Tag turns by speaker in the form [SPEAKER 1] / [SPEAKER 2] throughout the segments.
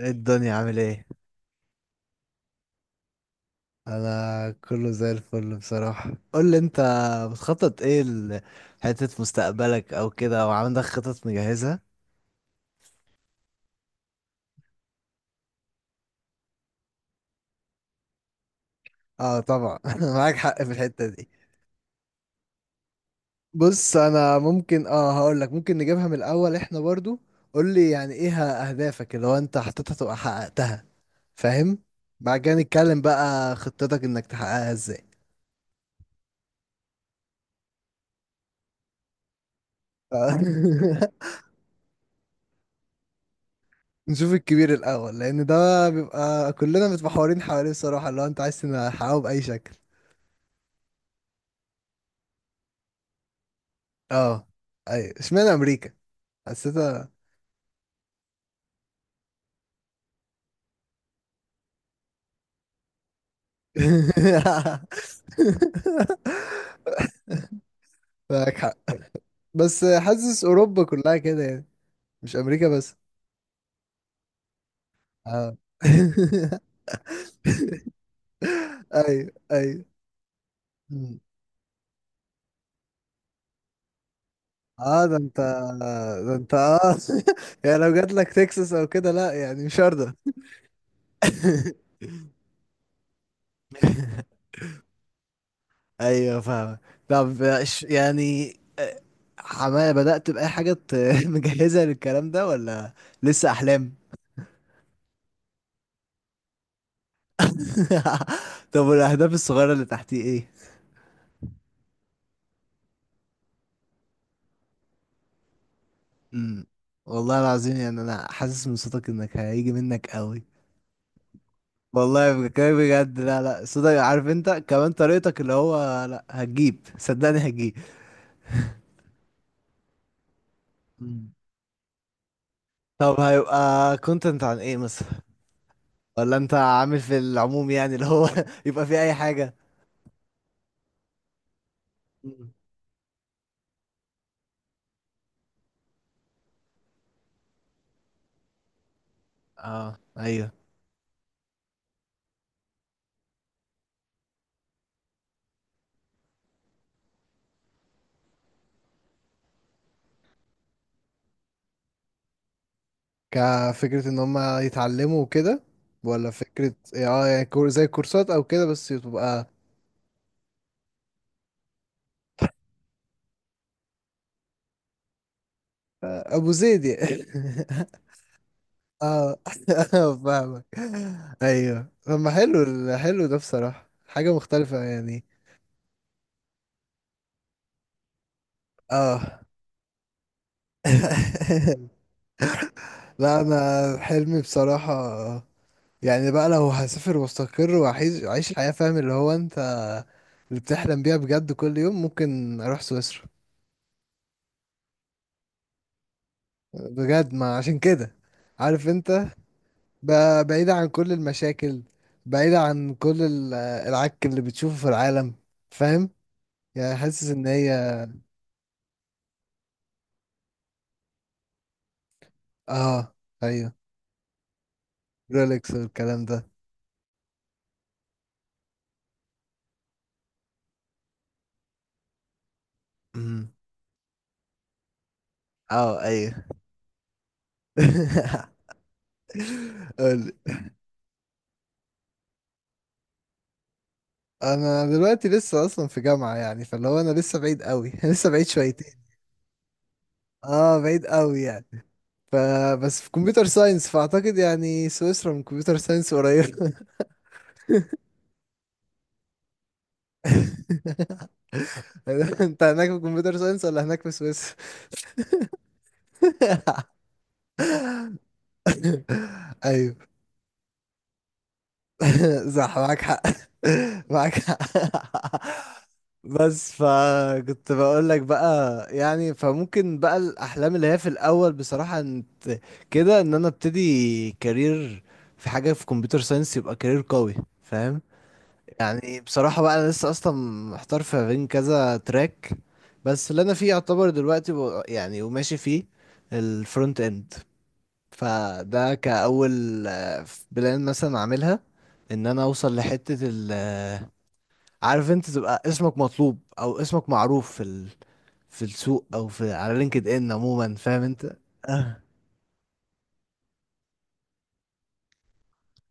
[SPEAKER 1] إيه الدنيا عامل ايه؟ انا كله زي الفل بصراحة، قول لي انت بتخطط ايه لحتة مستقبلك او كده، او عندك خطط مجهزة؟ اه طبعا، معاك حق في الحتة دي. بص، انا ممكن هقول لك ممكن نجيبها من الاول احنا برضو. قول لي يعني ايه اهدافك اللي هو انت حطيتها تبقى حققتها؟ فاهم. بعد كده نتكلم بقى خطتك انك تحققها ازاي. نشوف الكبير الأول، لأن ده بيبقى كلنا متمحورين حواليه، الصراحة اللي هو أنت عايز تحققه بأي شكل. اه. أيوة، اشمعنى أمريكا؟ حسيتها. معاك حق. بس حاسس أوروبا كلها كده يعني، مش أمريكا بس. اه أيوة أيوة. مم. اه، ده انت. ده انت، اه. يعني لو جات لك تكساس او كده، لا يعني مش هرضى. ايوه فاهم. طب يعني، آه، حماية بدأت بأي حاجة مجهزة للكلام ده ولا لسه أحلام؟ طب والأهداف الصغيرة اللي تحتي إيه؟ مم. والله العظيم يعني أنا حاسس من صوتك إنك هيجي منك قوي. والله بكلمك بجد، لا لا، صوتك، عارف أنت، كمان طريقتك اللي هو لا، هتجيب، صدقني هتجيب. مم. طب هيبقى كونتنت عن إيه مثلا؟ ولا أنت عامل في العموم، يعني اللي هو يبقى في أي حاجة؟ اه ايوه، كفكرة ان هم يتعلموا وكده، ولا فكرة إيه، اه يعني زي كورسات او كده بس تبقى، ابو زيد يعني. اه فاهمك. ايوه، طب ما حلو حلو ده بصراحة، حاجة مختلفة يعني. اه لا انا حلمي بصراحة، يعني بقى لو هسافر واستقر واعيش أعيش الحياة، فاهم اللي هو انت اللي بتحلم بيها بجد كل يوم، ممكن اروح سويسرا. بجد، ما عشان كده، عارف انت، بعيدة عن كل المشاكل، بعيدة عن كل العك اللي بتشوفه في العالم، فاهم؟ يعني حاسس ان هي. اه ايوه، رولكس والكلام ده. امم. اه ايوه. قولي. انا دلوقتي لسه اصلا في جامعة، يعني فاللي هو انا لسه بعيد قوي، لسه بعيد شويتين. اه، بعيد قوي يعني. فبس في كمبيوتر ساينس، فاعتقد يعني سويسرا من كمبيوتر ساينس قريب. انت هناك في كمبيوتر ساينس ولا هناك في سويس؟ ايوه صح، معاك حق. معاك حق. بس فكنت بقول لك بقى، يعني فممكن بقى الاحلام اللي هي في الاول بصراحة انت، كده ان انا ابتدي كارير في حاجة في كمبيوتر ساينس، يبقى كارير قوي، فاهم؟ يعني بصراحة بقى أنا لسه أصلا محتار في بين كذا تراك. بس اللي أنا فيه يعتبر دلوقتي يعني وماشي فيه، الفرونت إند. فده كأول بلان مثلا أعملها، إن أنا أوصل لحتة عارف أنت، تبقى اسمك مطلوب أو اسمك معروف في السوق أو في على لينكد إن عموما، فاهم أنت؟ آه.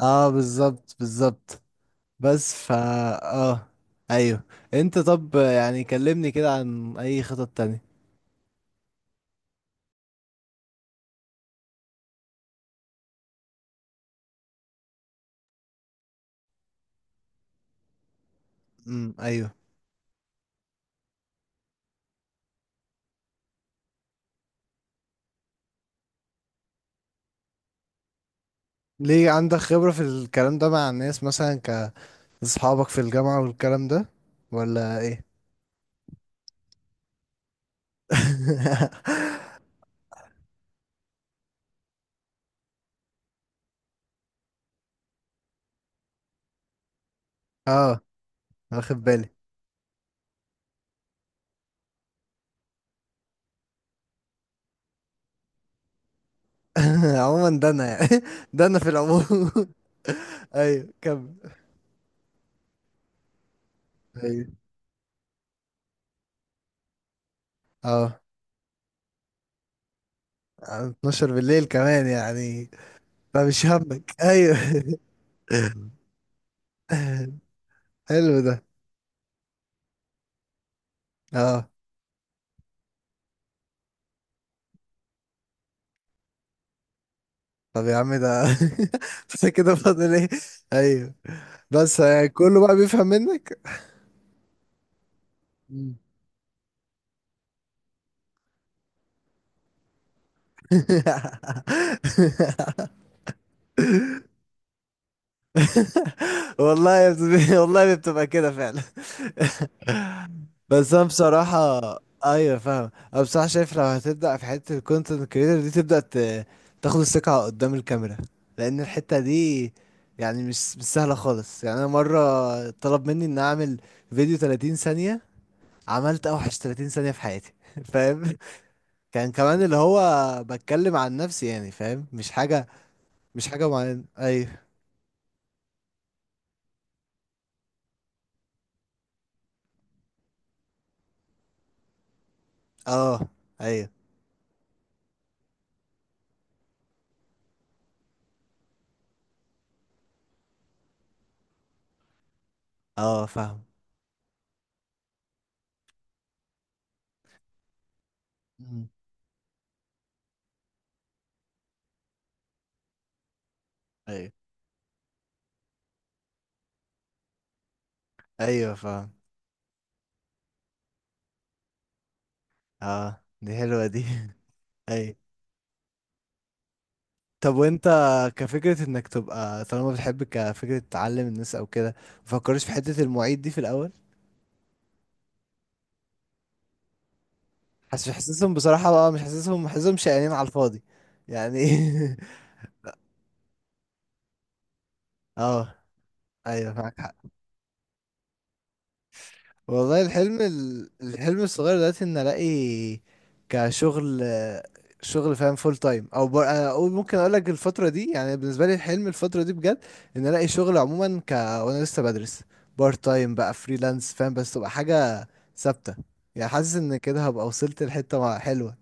[SPEAKER 1] بالظبط بالظبط. بس فا آه أيوه. أنت طب يعني كلمني كده عن أي خطط تانية. ايوه. ليه عندك خبرة في الكلام ده مع الناس، مثلا اصحابك في الجامعة والكلام ده، ولا ايه؟ اه، واخد بالي. عموما ده انا يعني، ده انا في العموم. ايوه كمل. ايوه. اه. 12 بالليل كمان يعني؟ فمش همك، ايوه. حلو ده. اه. طب يا عم ده، بس كده فاضل ايه؟ ايوه. بس يعني كله بقى بيفهم منك. والله بتبقى كده فعلا. بس انا بصراحة. ايوه فاهم. انا بصراحة شايف لو هتبدأ في حتة الكونتنت كريتور دي، تبدأ تاخد الثقة قدام الكاميرا، لان الحتة دي يعني مش سهلة خالص. يعني انا مرة طلب مني ان اعمل فيديو 30 ثانية، عملت اوحش 30 ثانية في حياتي. فاهم؟ كان كمان اللي هو، بتكلم عن نفسي يعني، فاهم، مش حاجة، مش حاجة معينة. ايوه. اه ايوه. اه فاهم. مم. ايوه ايوه فاهم. اه دي حلوة دي. ايوه طب وانت، كفكرة انك تبقى طالما بتحب كفكرة تعلم الناس او كده، مفكرش في حتة المعيد دي في الاول؟ حاسسهم بصراحة بقى، مش حاسسهم، حاسسهم شقيانين على الفاضي يعني. اه ايوه، معاك. والله الحلم الحلم الصغير دلوقتي ان الاقي كشغل، شغل فاهم، فول تايم او ممكن اقول لك الفتره دي، يعني بالنسبه لي الحلم الفتره دي بجد، ان الاقي شغل عموما وانا لسه بدرس بارت تايم بقى فريلانس، فاهم؟ بس تبقى حاجه ثابته، يعني حاسس ان كده هبقى وصلت لحته حلوه.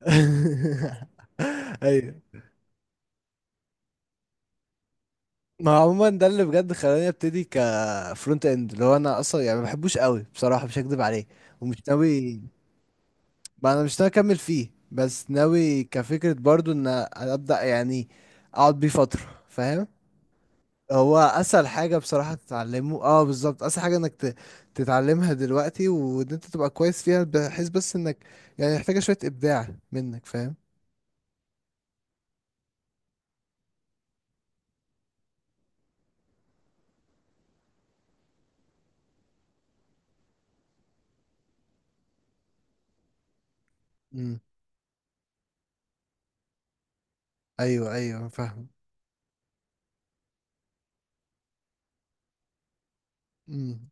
[SPEAKER 1] ايوه، ما عموما ده اللي بجد خلاني ابتدي كفرونت اند، اللي هو انا اصلا يعني ما بحبوش قوي بصراحه، مش هكدب عليه. ومش ناوي، ما انا مش ناوي اكمل فيه، بس ناوي كفكرة برضو ان ابدأ يعني، اقعد بيه فترة، فاهم؟ هو اسهل حاجة بصراحة تتعلمه. اه، بالظبط، اسهل حاجة انك تتعلمها دلوقتي وان انت تبقى كويس فيها، بحيث بس انك يعني محتاجة شوية ابداع منك، فاهم؟ امم ايوه. ايوه فاهم. امم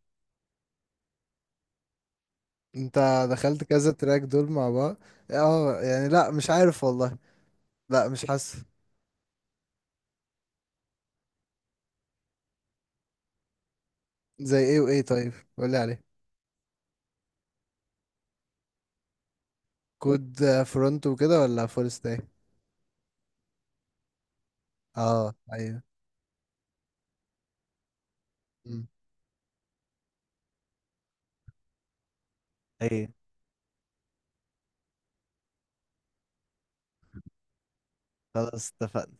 [SPEAKER 1] انت دخلت كذا تراك دول مع بعض. اه يعني، لا مش عارف والله. لا مش حاسس. زي ايه وايه، طيب قولي عليه. كود فرونت وكده، ولا فول ستاك؟ اه ايوه. مم. ايوه خلاص اتفقنا.